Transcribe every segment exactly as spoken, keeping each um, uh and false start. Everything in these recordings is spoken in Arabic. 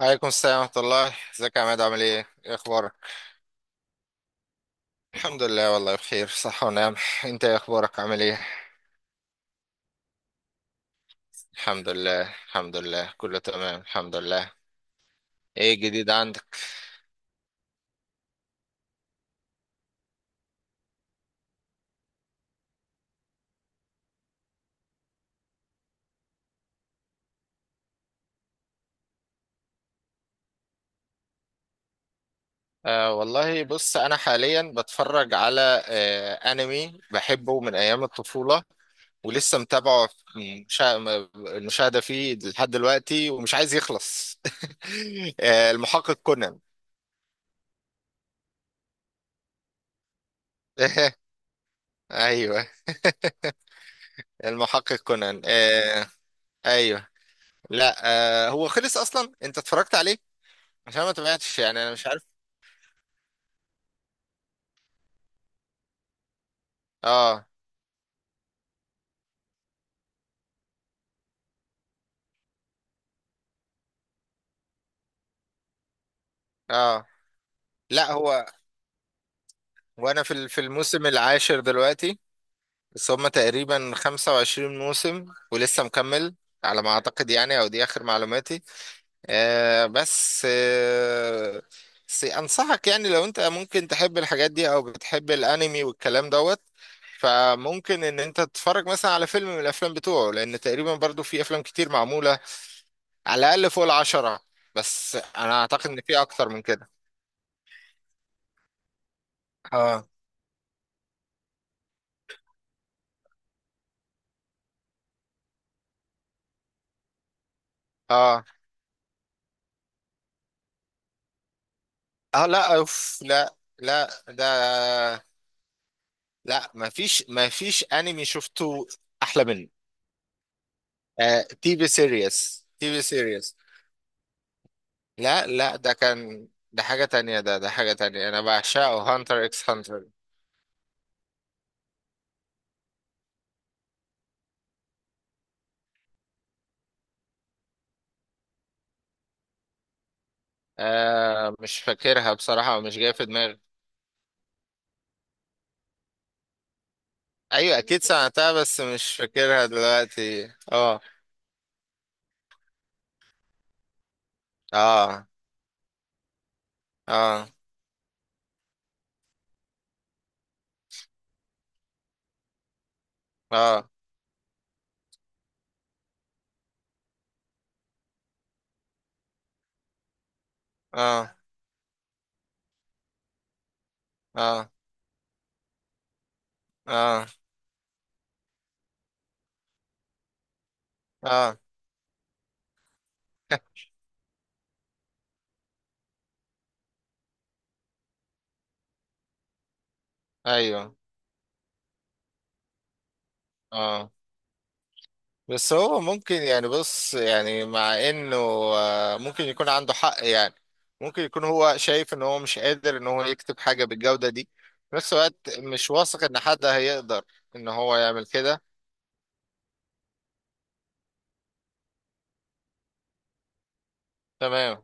عليكم السلام ورحمة الله، ازيك يا عماد؟ عامل ايه؟ ايه اخبارك؟ الحمد لله، والله بخير، صحة ونعم. انت ايه اخبارك؟ عامل ايه؟ الحمد لله الحمد لله، كله تمام الحمد لله. ايه جديد عندك؟ آه والله بص، انا حاليا بتفرج على آه انمي بحبه من ايام الطفولة، ولسه متابعه. في مشا... المشاهدة فيه لحد دلوقتي ومش عايز يخلص آه المحقق كونان. ايوه، المحقق كونان آه، ايوه، لا، آه هو خلص اصلا، انت اتفرجت عليه؟ عشان ما تابعتش يعني، انا مش عارف. اه، اه، لا هو، وانا في ال- في الموسم العاشر دلوقتي، بس هما تقريبا خمسة وعشرين موسم ولسه مكمل على ما اعتقد يعني، او دي اخر معلوماتي. آه بس آه بس انصحك يعني، لو انت ممكن تحب الحاجات دي او بتحب الانمي والكلام دوت، فممكن ان انت تتفرج مثلا على فيلم من الافلام بتوعه، لان تقريبا برضو في افلام كتير معمولة، على الاقل فوق العشرة. بس انا اعتقد ان في اكتر من كده. اه، اه، اه، لا اوف، لا، لا، ده، لا، مفيش مفيش انمي شفته احلى منه. آه تي في سيريس تي في سيريس، لا، لا، ده كان، ده حاجة تانية، ده ده حاجة تانية، انا بعشقه هانتر اكس هانتر. آه مش فاكرها بصراحة، مش جاية في دماغي. ايوه، اكيد سمعتها، بس مش فاكرها دلوقتي، اه، اه، اه، اه، اه، اه. آه. اه. ايوه، اه. بس هو ممكن يعني، بص يعني، مع انه آه، ممكن يكون عنده حق يعني، ممكن يكون هو شايف ان هو مش قادر ان هو يكتب حاجة بالجودة دي، في نفس الوقت مش واثق ان حد هيقدر ان هو يعمل كده. تمام،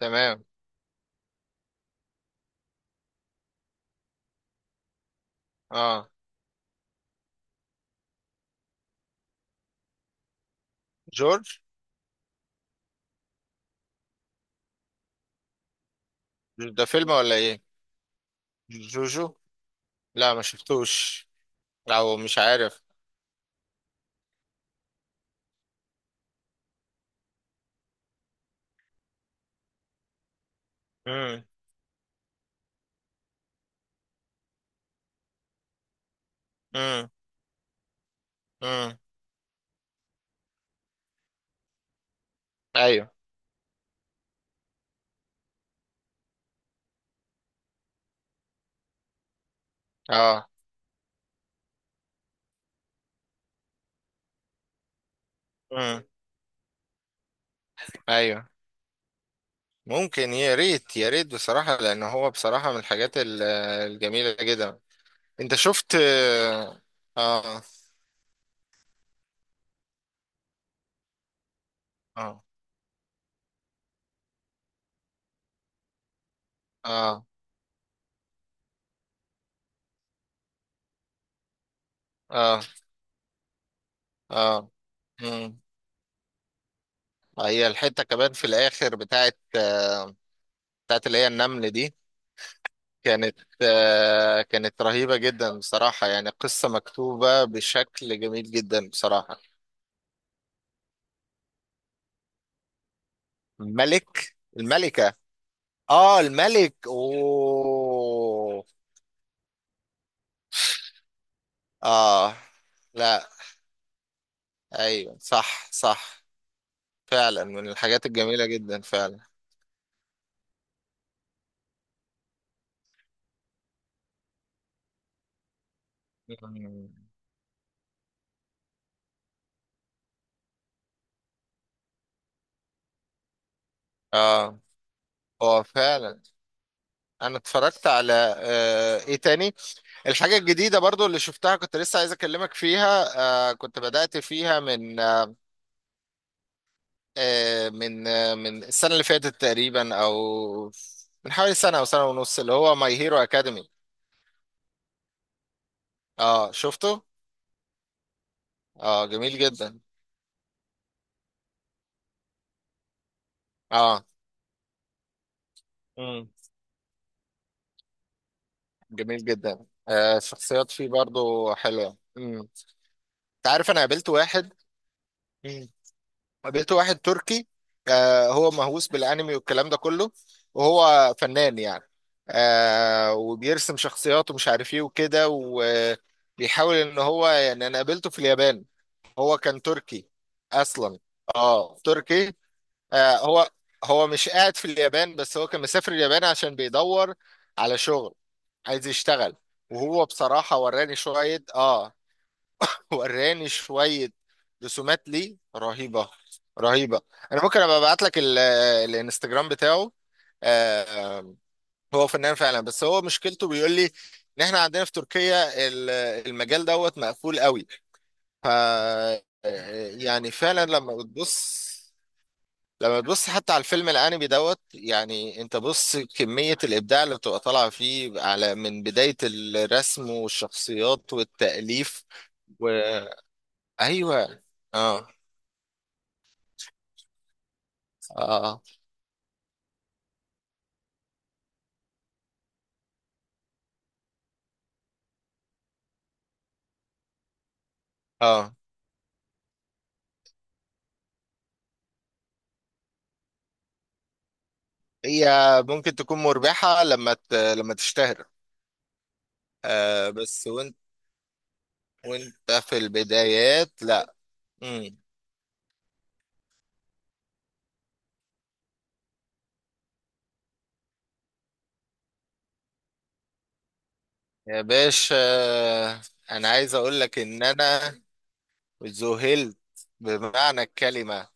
تمام. اه، جورج. ده فيلم ولا ايه؟ جوجو، لا ما شفتوش، او مش عارف. امم، امم، امم، ايوه، اه، امم، ايوه. ممكن، يا ريت يا ريت بصراحة، لأن هو بصراحة من الحاجات ال- الجميلة جدا. أنت شفت آه آه، آه، آه، آه، آه. مم. آه، هي الحتة كمان في الآخر بتاعت آه بتاعت اللي هي النمل دي، كانت آه كانت رهيبة جدا بصراحة، يعني قصة مكتوبة بشكل جميل جدا بصراحة. الملك، الملكة، آه الملك، أوه. آه، لا، ايوه، صح، صح، فعلا من الحاجات الجميلة جدا فعلا. مم. اه، هو فعلا. انا اتفرجت على آه ايه تاني، الحاجة الجديدة برضو اللي شفتها، كنت لسه عايز اكلمك فيها. آه كنت بدأت فيها من آه آه، من آه من السنة اللي فاتت تقريبا، او من حوالي سنة او سنة ونص، اللي هو ماي هيرو اكاديمي. اه، شفته. اه، جميل جدا. اه. مم. جميل جدا، آه الشخصيات فيه برضو حلوة. مم. انت عارف، انا قابلت واحد قابلت واحد تركي. آه هو مهووس بالانمي والكلام ده كله، وهو فنان يعني. آه وبيرسم شخصيات، ومش عارف ايه وكده، وبيحاول ان هو يعني، انا قابلته في اليابان، هو كان تركي اصلا. اه، تركي. آه هو هو مش قاعد في اليابان، بس هو كان مسافر اليابان عشان بيدور على شغل، عايز يشتغل. وهو بصراحة وراني شوية، اه، وراني شوية رسومات ليه رهيبة، رهيبة. انا ممكن ابقى ابعت لك ال- الانستجرام بتاعه. آه، هو فنان فعلا، بس هو مشكلته بيقول لي ان احنا عندنا في تركيا ال- المجال دوت مقفول قوي. ف يعني فعلا، لما بتبص لما بتبص حتى على الفيلم الانمي دوت، يعني انت بص كمية الابداع اللي بتبقى طالعة فيه، على من بداية الرسم والشخصيات والتأليف. وايوه، اه، اه. هي ممكن تكون مربحة لما ت... لما تشتهر. آه بس وانت وانت في البدايات لا. مم. يا باشا، آه، انا عايز اقول لك ان انا ذهلت بمعنى الكلمة،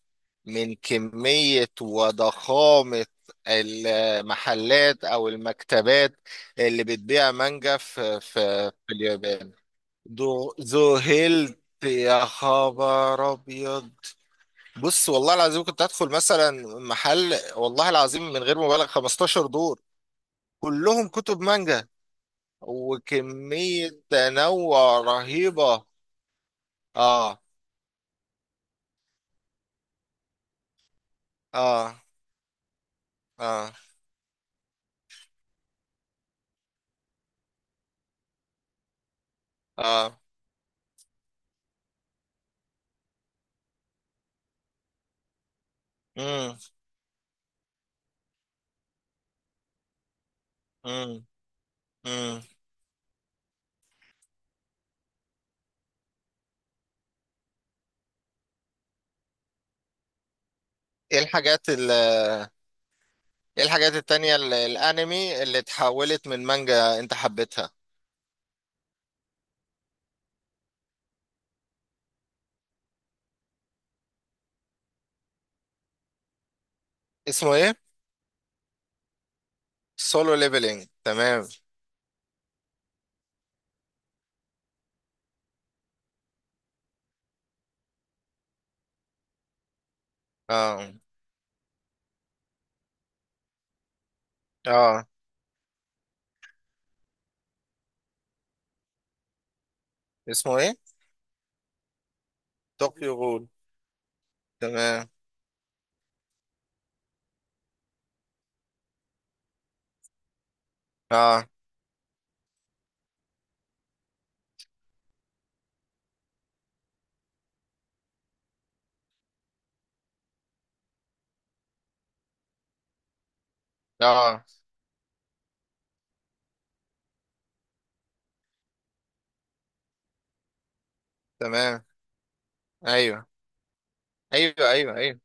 من كمية وضخامة المحلات او المكتبات اللي بتبيع مانجا في في, في اليابان. ذو- ذهلت. يا خبر ابيض. بص، والله العظيم كنت هدخل مثلا محل، والله العظيم من غير مبالغ خمستاشر دور كلهم كتب مانجا، وكمية تنوع رهيبة. اه، اه، اه، اه. امم، امم، امم. ايه الحاجات ال ايه الحاجات التانية، ال- الانمي اللي اتحولت من مانجا انت حبيتها؟ اسمه ايه؟ سولو ليفلينج، تمام. اه، اه. اسمه ايه؟ طوكيو غول، تمام. اه، اه، تمام. ايوه، ايوه، ايوه، ايوه،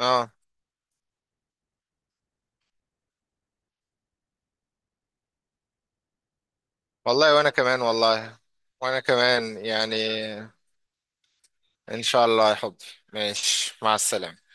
اه. والله وانا كمان، والله وانا كمان يعني. ان شاء الله يا حبي، ماشي، مع السلامة.